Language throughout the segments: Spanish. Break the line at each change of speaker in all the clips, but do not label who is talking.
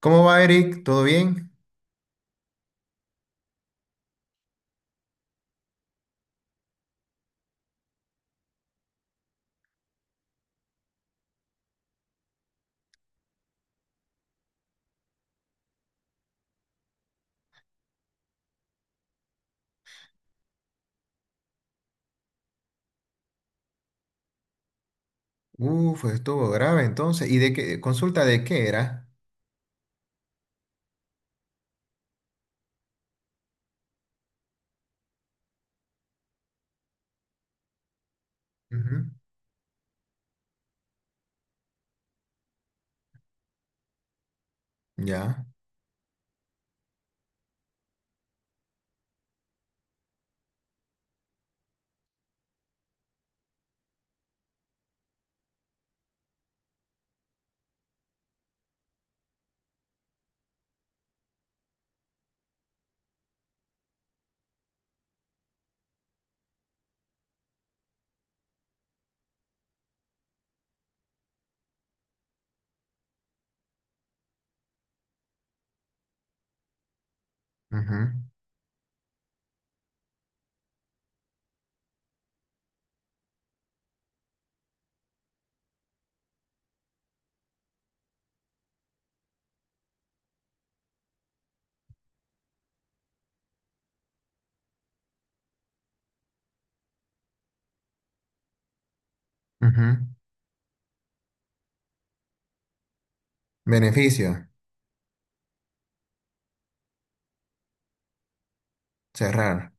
¿Cómo va, Eric? ¿Todo bien? Uf, estuvo grave entonces. ¿Y de qué? ¿Consulta de qué era? Ujú. Ya. Ujú. Ujú. Beneficio. Cerrar.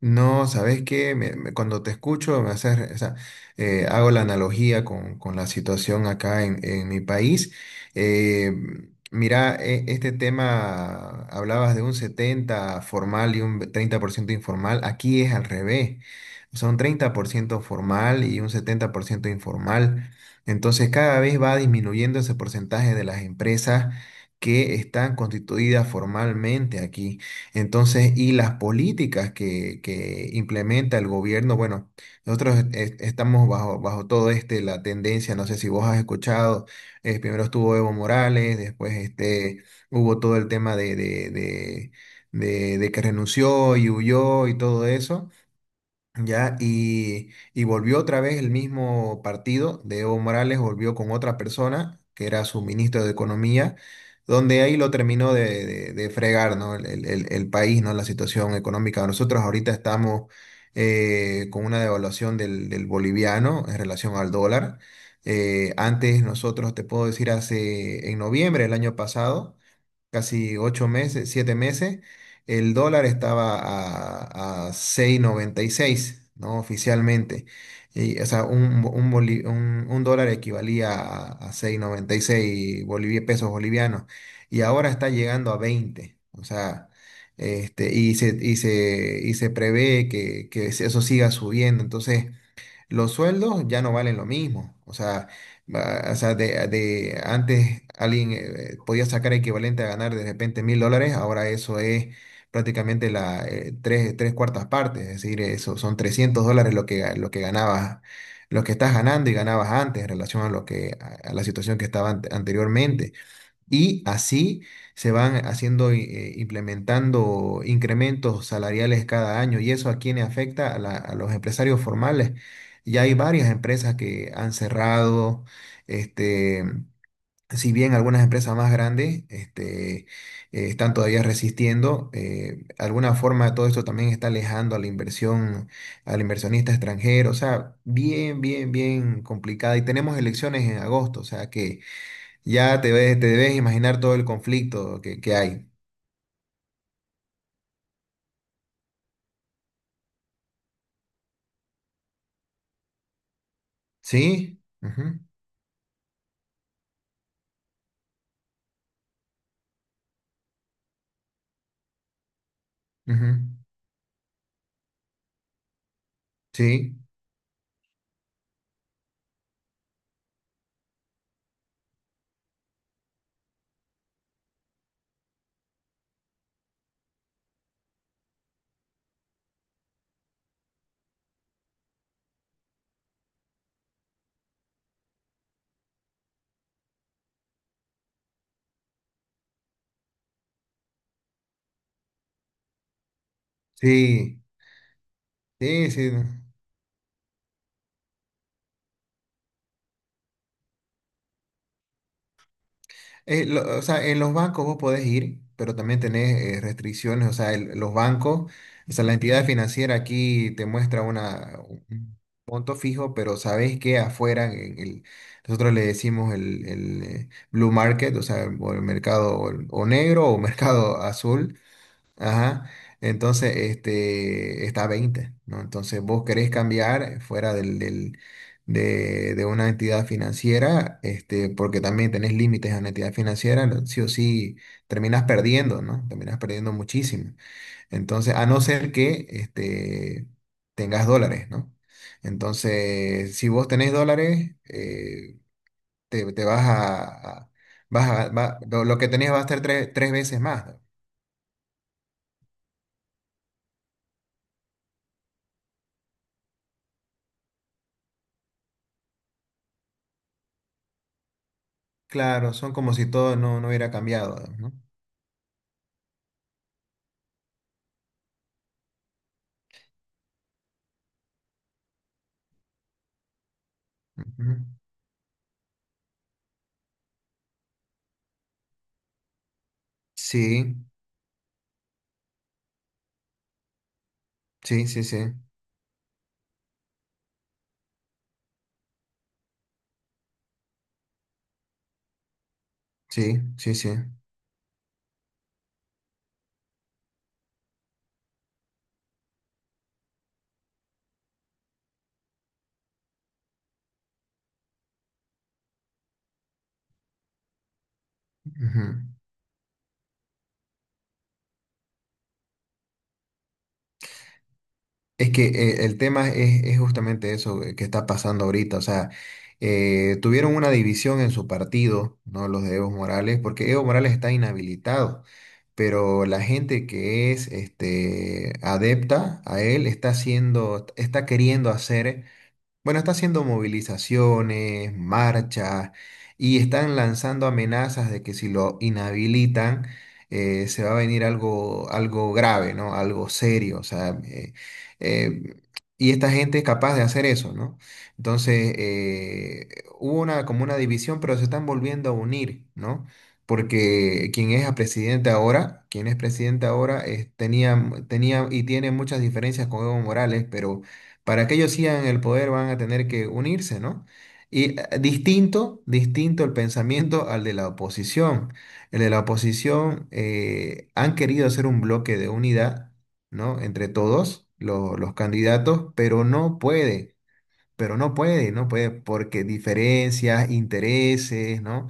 No, ¿sabes qué? Cuando te escucho, me haces, o sea, hago la analogía con la situación acá en mi país. Eh, mira, este tema, hablabas de un 70 formal y un 30% informal. Aquí es al revés. Son 30% formal y un 70% informal. Entonces, cada vez va disminuyendo ese porcentaje de las empresas que están constituidas formalmente aquí. Entonces, y las políticas que implementa el gobierno, bueno, nosotros estamos bajo, bajo todo este, la tendencia, no sé si vos has escuchado, primero estuvo Evo Morales, después este, hubo todo el tema de que renunció y huyó y todo eso. Ya, y volvió otra vez el mismo partido de Evo Morales, volvió con otra persona, que era su ministro de Economía, donde ahí lo terminó de fregar, ¿no? El país, ¿no? La situación económica. Nosotros ahorita estamos con una devaluación del boliviano en relación al dólar. Antes nosotros, te puedo decir, hace en noviembre del año pasado casi 8 meses, 7 meses, el dólar estaba a 6,96, ¿no? Oficialmente. Y, o sea, un, bo- un, boli- un dólar equivalía a 6,96 pesos bolivianos. Y ahora está llegando a 20. O sea, este, y se prevé que eso siga subiendo. Entonces, los sueldos ya no valen lo mismo. O sea, o sea de antes alguien podía sacar equivalente a ganar de repente $1.000, ahora eso es prácticamente la, tres cuartas partes, es decir, eso son $300 lo que, lo que ganabas, lo que estás ganando y ganabas antes en relación a lo que, a la situación que estaba anteriormente. Y así se van haciendo, implementando incrementos salariales cada año. ¿Y eso a quién le afecta? A, a los empresarios formales. Ya hay varias empresas que han cerrado. Este, si bien algunas empresas más grandes este, están todavía resistiendo, de alguna forma todo esto también está alejando a la inversión, al inversionista extranjero. O sea, bien, bien, bien complicada. Y tenemos elecciones en agosto. O sea que ya te te debes imaginar todo el conflicto que hay. ¿Sí? Ujú, ujú. Sí, sí, sí, sí. O sea, en los bancos vos podés ir, pero también tenés restricciones. O sea, los bancos, o sea, la entidad financiera aquí te muestra una, un monto fijo, pero sabés que afuera, en el, nosotros le decimos el blue market, o sea, o el mercado o negro o mercado azul. Ajá. Entonces, este, está a 20, ¿no? Entonces, vos querés cambiar fuera de una entidad financiera, este, porque también tenés límites a una entidad financiera, sí o sí terminás perdiendo, ¿no? Terminás perdiendo muchísimo. Entonces, a no ser que, este, tengas dólares, ¿no? Entonces, si vos tenés dólares, te, te vas a- vas a- va- lo que tenés va a ser tres veces más. Claro, son como si todo no, no hubiera cambiado, ¿no? Ujú. Sí, sí, sí, sí, sí, sí, sí. Ujú. Es que el tema es justamente eso que está pasando ahorita, o sea, tuvieron una división en su partido, ¿no? Los de Evo Morales, porque Evo Morales está inhabilitado, pero la gente que es este, adepta a él está haciendo, está queriendo hacer. Bueno, está haciendo movilizaciones, marchas y están lanzando amenazas de que si lo inhabilitan se va a venir algo, algo grave, ¿no? Algo serio, o sea, eh, y esta gente es capaz de hacer eso, ¿no? Entonces, hubo una, como una división, pero se están volviendo a unir, ¿no? Porque quien es a presidente ahora, quien es presidente ahora, tenía y tiene muchas diferencias con Evo Morales, pero para que ellos sigan el poder van a tener que unirse, ¿no? Y distinto, distinto el pensamiento al de la oposición. El de la oposición han querido hacer un bloque de unidad, ¿no? Entre todos los candidatos, pero no puede, pero no puede, porque diferencias, intereses, ¿no?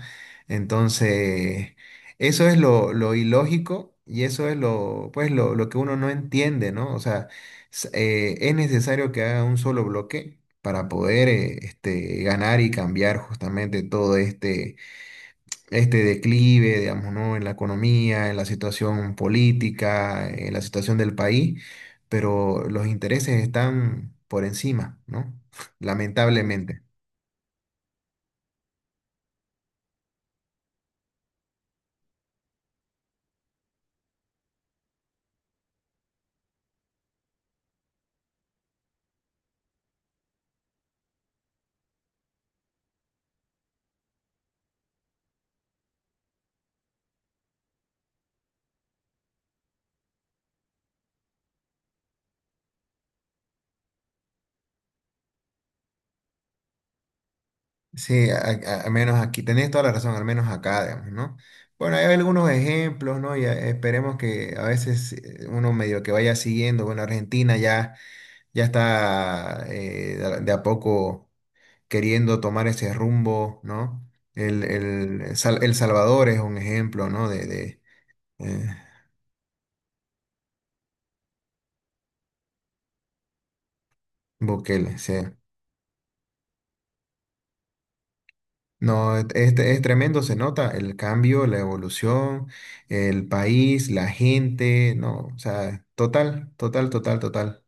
Entonces, eso es lo ilógico y eso es lo, pues, lo que uno no entiende, ¿no? O sea, es necesario que haga un solo bloque para poder este, ganar y cambiar justamente todo este este declive, digamos, ¿no? En la economía, en la situación política, en la situación del país, pero los intereses están por encima, ¿no? Lamentablemente. Sí, al menos aquí, tenés toda la razón, al menos acá, digamos, ¿no? Bueno, hay algunos ejemplos, ¿no? Y esperemos que a veces uno medio que vaya siguiendo, bueno, Argentina ya, ya está de a poco queriendo tomar ese rumbo, ¿no? El Salvador es un ejemplo, ¿no? De eh, Bukele, sí. No, es, es tremendo, se nota el cambio, la evolución, el país, la gente, no, o sea, total, total, total, total.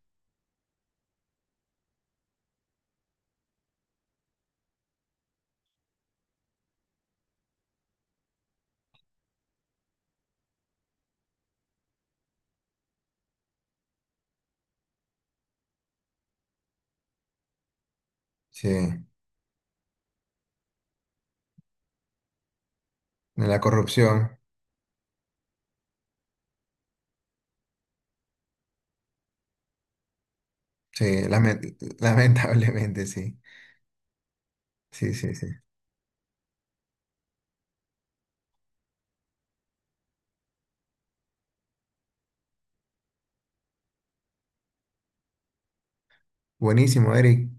Sí, la corrupción, sí, lamentablemente, sí, sí, sí, sí. Buenísimo, Eric,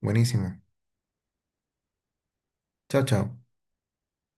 buenísimo. Chao, chao.